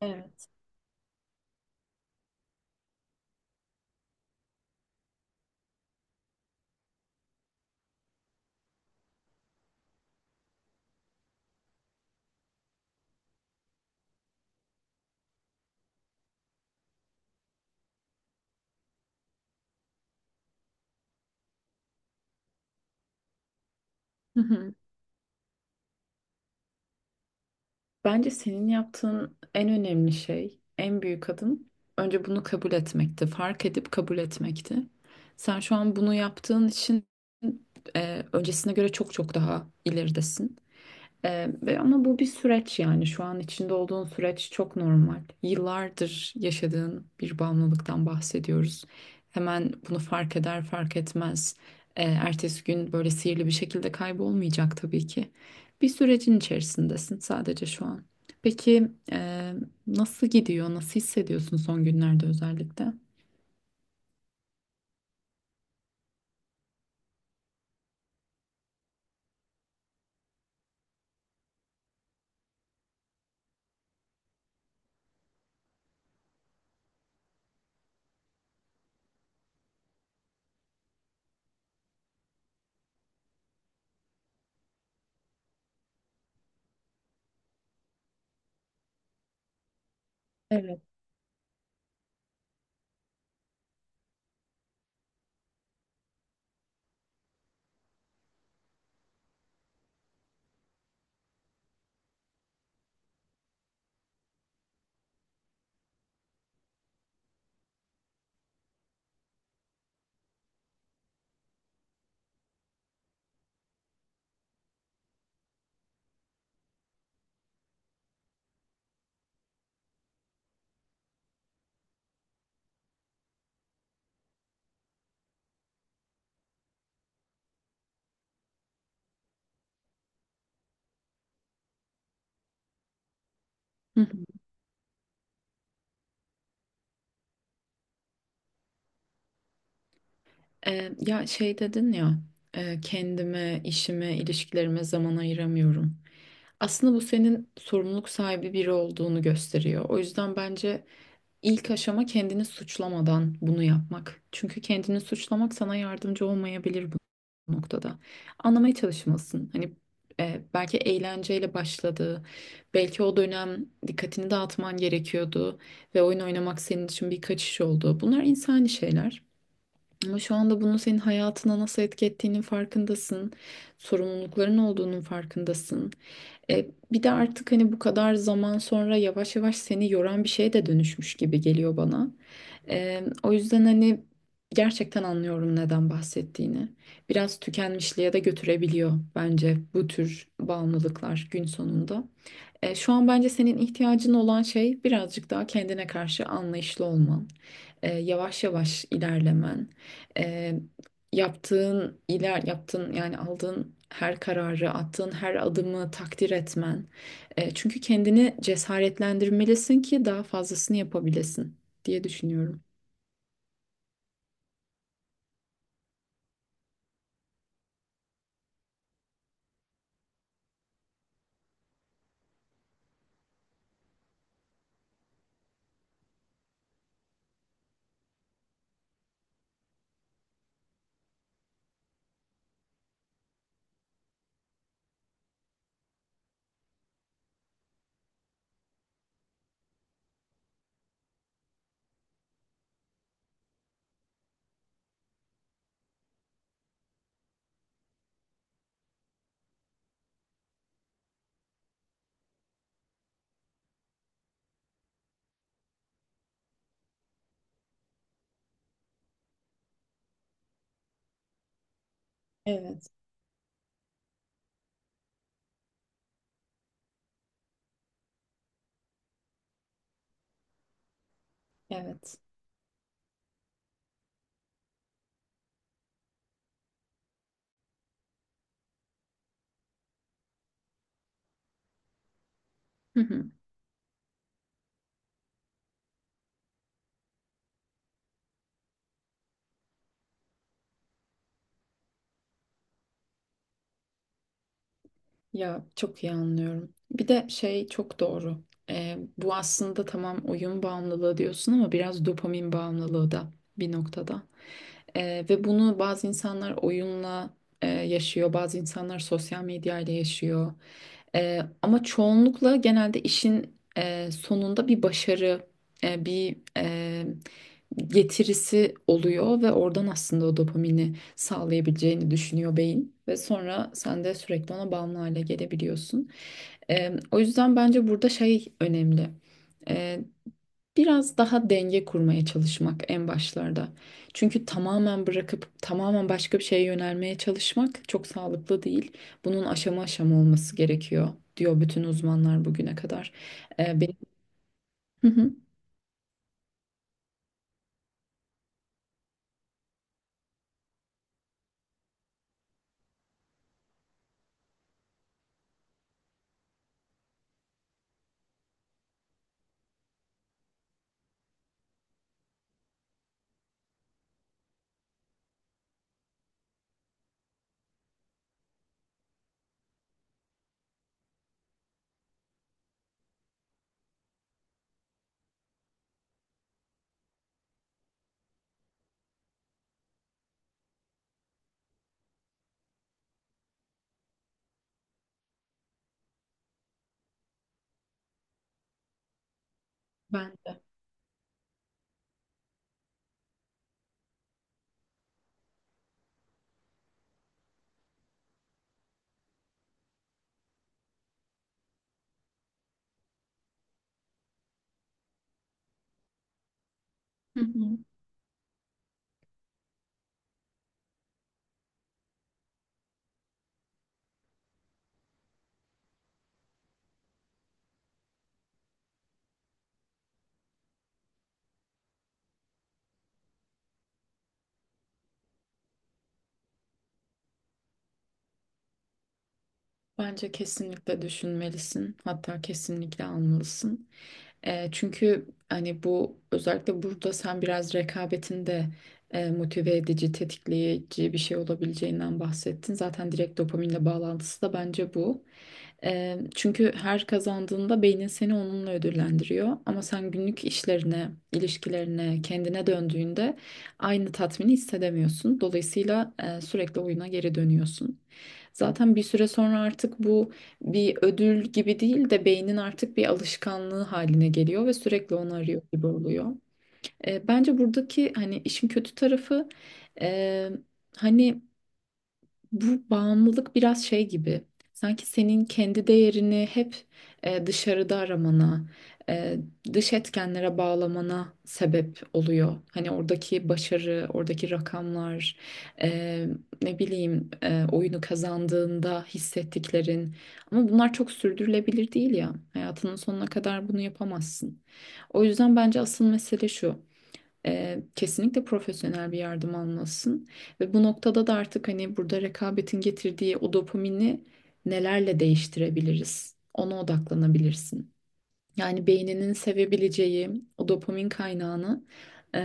Evet. Hı hı. Bence senin yaptığın en önemli şey, en büyük adım önce bunu kabul etmekti. Fark edip kabul etmekti. Sen şu an bunu yaptığın için öncesine göre çok çok daha ileridesin. Ama bu bir süreç, yani şu an içinde olduğun süreç çok normal. Yıllardır yaşadığın bir bağımlılıktan bahsediyoruz. Hemen bunu fark eder fark etmez. Ertesi gün böyle sihirli bir şekilde kaybolmayacak tabii ki. Bir sürecin içerisindesin sadece şu an. Peki, nasıl gidiyor? Nasıl hissediyorsun son günlerde özellikle? Evet. Hı hı. Ya şey dedin ya, kendime, işime, ilişkilerime zaman ayıramıyorum. Aslında bu senin sorumluluk sahibi biri olduğunu gösteriyor. O yüzden bence ilk aşama kendini suçlamadan bunu yapmak. Çünkü kendini suçlamak sana yardımcı olmayabilir bu noktada. Anlamaya çalışmalısın. Hani, belki eğlenceyle başladı. Belki o dönem dikkatini dağıtman gerekiyordu ve oyun oynamak senin için bir kaçış oldu. Bunlar insani şeyler. Ama şu anda bunun senin hayatına nasıl etki ettiğinin farkındasın. Sorumlulukların olduğunun farkındasın. E, bir de artık hani bu kadar zaman sonra yavaş yavaş seni yoran bir şeye de dönüşmüş gibi geliyor bana. O yüzden hani gerçekten anlıyorum neden bahsettiğini. Biraz tükenmişliğe de götürebiliyor bence bu tür bağımlılıklar gün sonunda. Şu an bence senin ihtiyacın olan şey birazcık daha kendine karşı anlayışlı olman, yavaş yavaş ilerlemen, e, yaptığın, yani aldığın her kararı, attığın her adımı takdir etmen. Çünkü kendini cesaretlendirmelisin ki daha fazlasını yapabilesin diye düşünüyorum. Evet, evet. Hı hı. Ya çok iyi anlıyorum. Bir de şey çok doğru. Bu aslında tamam, oyun bağımlılığı diyorsun ama biraz dopamin bağımlılığı da bir noktada. Ve bunu bazı insanlar oyunla, yaşıyor, bazı insanlar sosyal medyayla yaşıyor. Ama çoğunlukla genelde işin sonunda bir başarı, e, bir e, getirisi oluyor ve oradan aslında o dopamini sağlayabileceğini düşünüyor beyin. Ve sonra sen de sürekli ona bağımlı hale gelebiliyorsun. O yüzden bence burada şey önemli. Biraz daha denge kurmaya çalışmak en başlarda. Çünkü tamamen bırakıp tamamen başka bir şeye yönelmeye çalışmak çok sağlıklı değil. Bunun aşama aşama olması gerekiyor diyor bütün uzmanlar bugüne kadar. Benim. Hı hı, ben de. Hı hı. Bence kesinlikle düşünmelisin. Hatta kesinlikle almalısın. Çünkü hani bu özellikle burada sen biraz rekabetin de, motive edici, tetikleyici bir şey olabileceğinden bahsettin. Zaten direkt dopaminle bağlantısı da bence bu. Çünkü her kazandığında beynin seni onunla ödüllendiriyor. Ama sen günlük işlerine, ilişkilerine, kendine döndüğünde aynı tatmini hissedemiyorsun. Dolayısıyla sürekli oyuna geri dönüyorsun. Zaten bir süre sonra artık bu bir ödül gibi değil de beynin artık bir alışkanlığı haline geliyor ve sürekli onu arıyor gibi oluyor. Bence buradaki hani işin kötü tarafı, e, hani bu bağımlılık biraz şey gibi. Sanki senin kendi değerini hep, dışarıda aramana, e, dış etkenlere bağlamana sebep oluyor. Hani oradaki başarı, oradaki rakamlar, e, ne bileyim, oyunu kazandığında hissettiklerin. Ama bunlar çok sürdürülebilir değil ya. Hayatının sonuna kadar bunu yapamazsın. O yüzden bence asıl mesele şu. Kesinlikle profesyonel bir yardım almalısın. Ve bu noktada da artık hani burada rekabetin getirdiği o dopamini nelerle değiştirebiliriz? Ona odaklanabilirsin. Yani beyninin sevebileceği o dopamin kaynağını, e,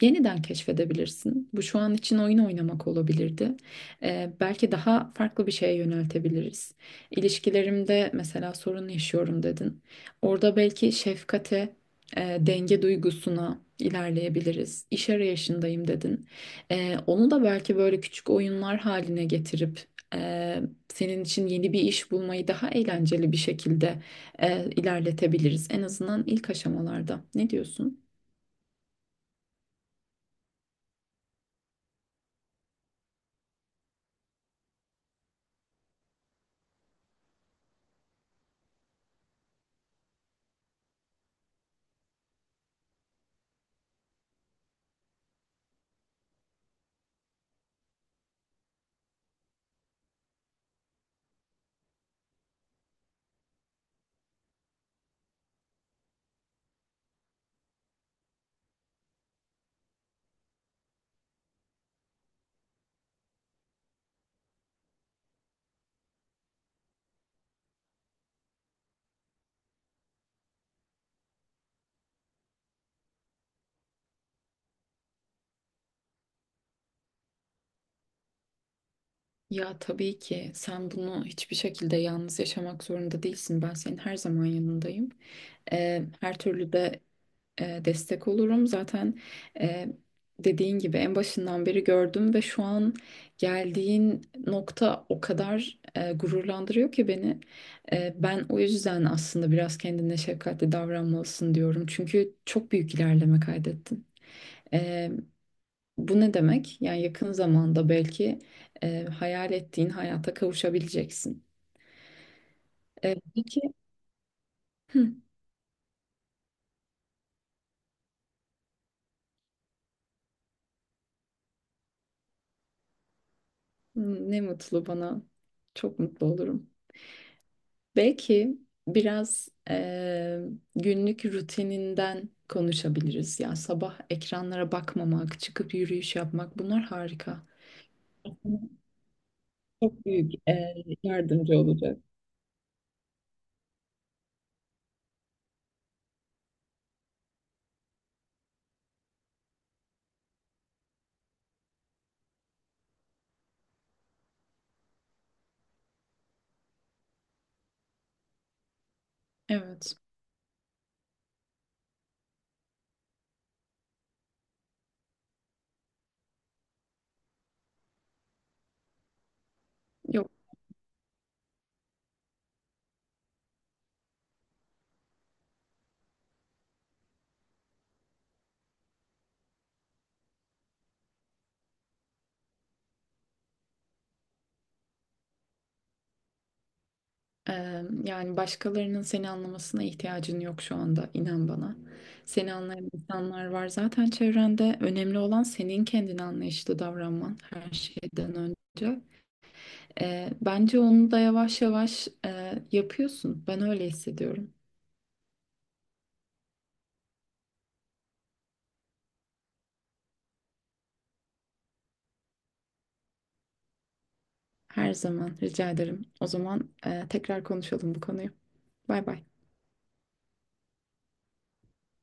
yeniden keşfedebilirsin. Bu şu an için oyun oynamak olabilirdi. Belki daha farklı bir şeye yöneltebiliriz. İlişkilerimde mesela sorun yaşıyorum dedin. Orada belki şefkate, denge duygusuna ilerleyebiliriz. İş arayışındayım dedin. Onu da belki böyle küçük oyunlar haline getirip, e, senin için yeni bir iş bulmayı daha eğlenceli bir şekilde, ilerletebiliriz. En azından ilk aşamalarda. Ne diyorsun? Ya tabii ki sen bunu hiçbir şekilde yalnız yaşamak zorunda değilsin. Ben senin her zaman yanındayım. Her türlü de, destek olurum. Zaten, e, dediğin gibi en başından beri gördüm ve şu an geldiğin nokta o kadar gururlandırıyor ki beni. Ben o yüzden aslında biraz kendine şefkatli davranmalısın diyorum. Çünkü çok büyük ilerleme kaydettin. E, Bu ne demek? Yani yakın zamanda belki, hayal ettiğin hayata kavuşabileceksin. Peki. Hı, ne mutlu bana. Çok mutlu olurum. Belki biraz, günlük rutininden konuşabiliriz. Ya sabah ekranlara bakmamak, çıkıp yürüyüş yapmak bunlar harika. Çok büyük yardımcı olacak. Evet. Yok. Yani başkalarının seni anlamasına ihtiyacın yok şu anda. İnan bana. Seni anlayan insanlar var zaten çevrende. Önemli olan senin kendine anlayışlı davranman her şeyden önce. Bence onu da yavaş yavaş yapıyorsun. Ben öyle hissediyorum. Her zaman rica ederim. O zaman, tekrar konuşalım bu konuyu. Bay bay.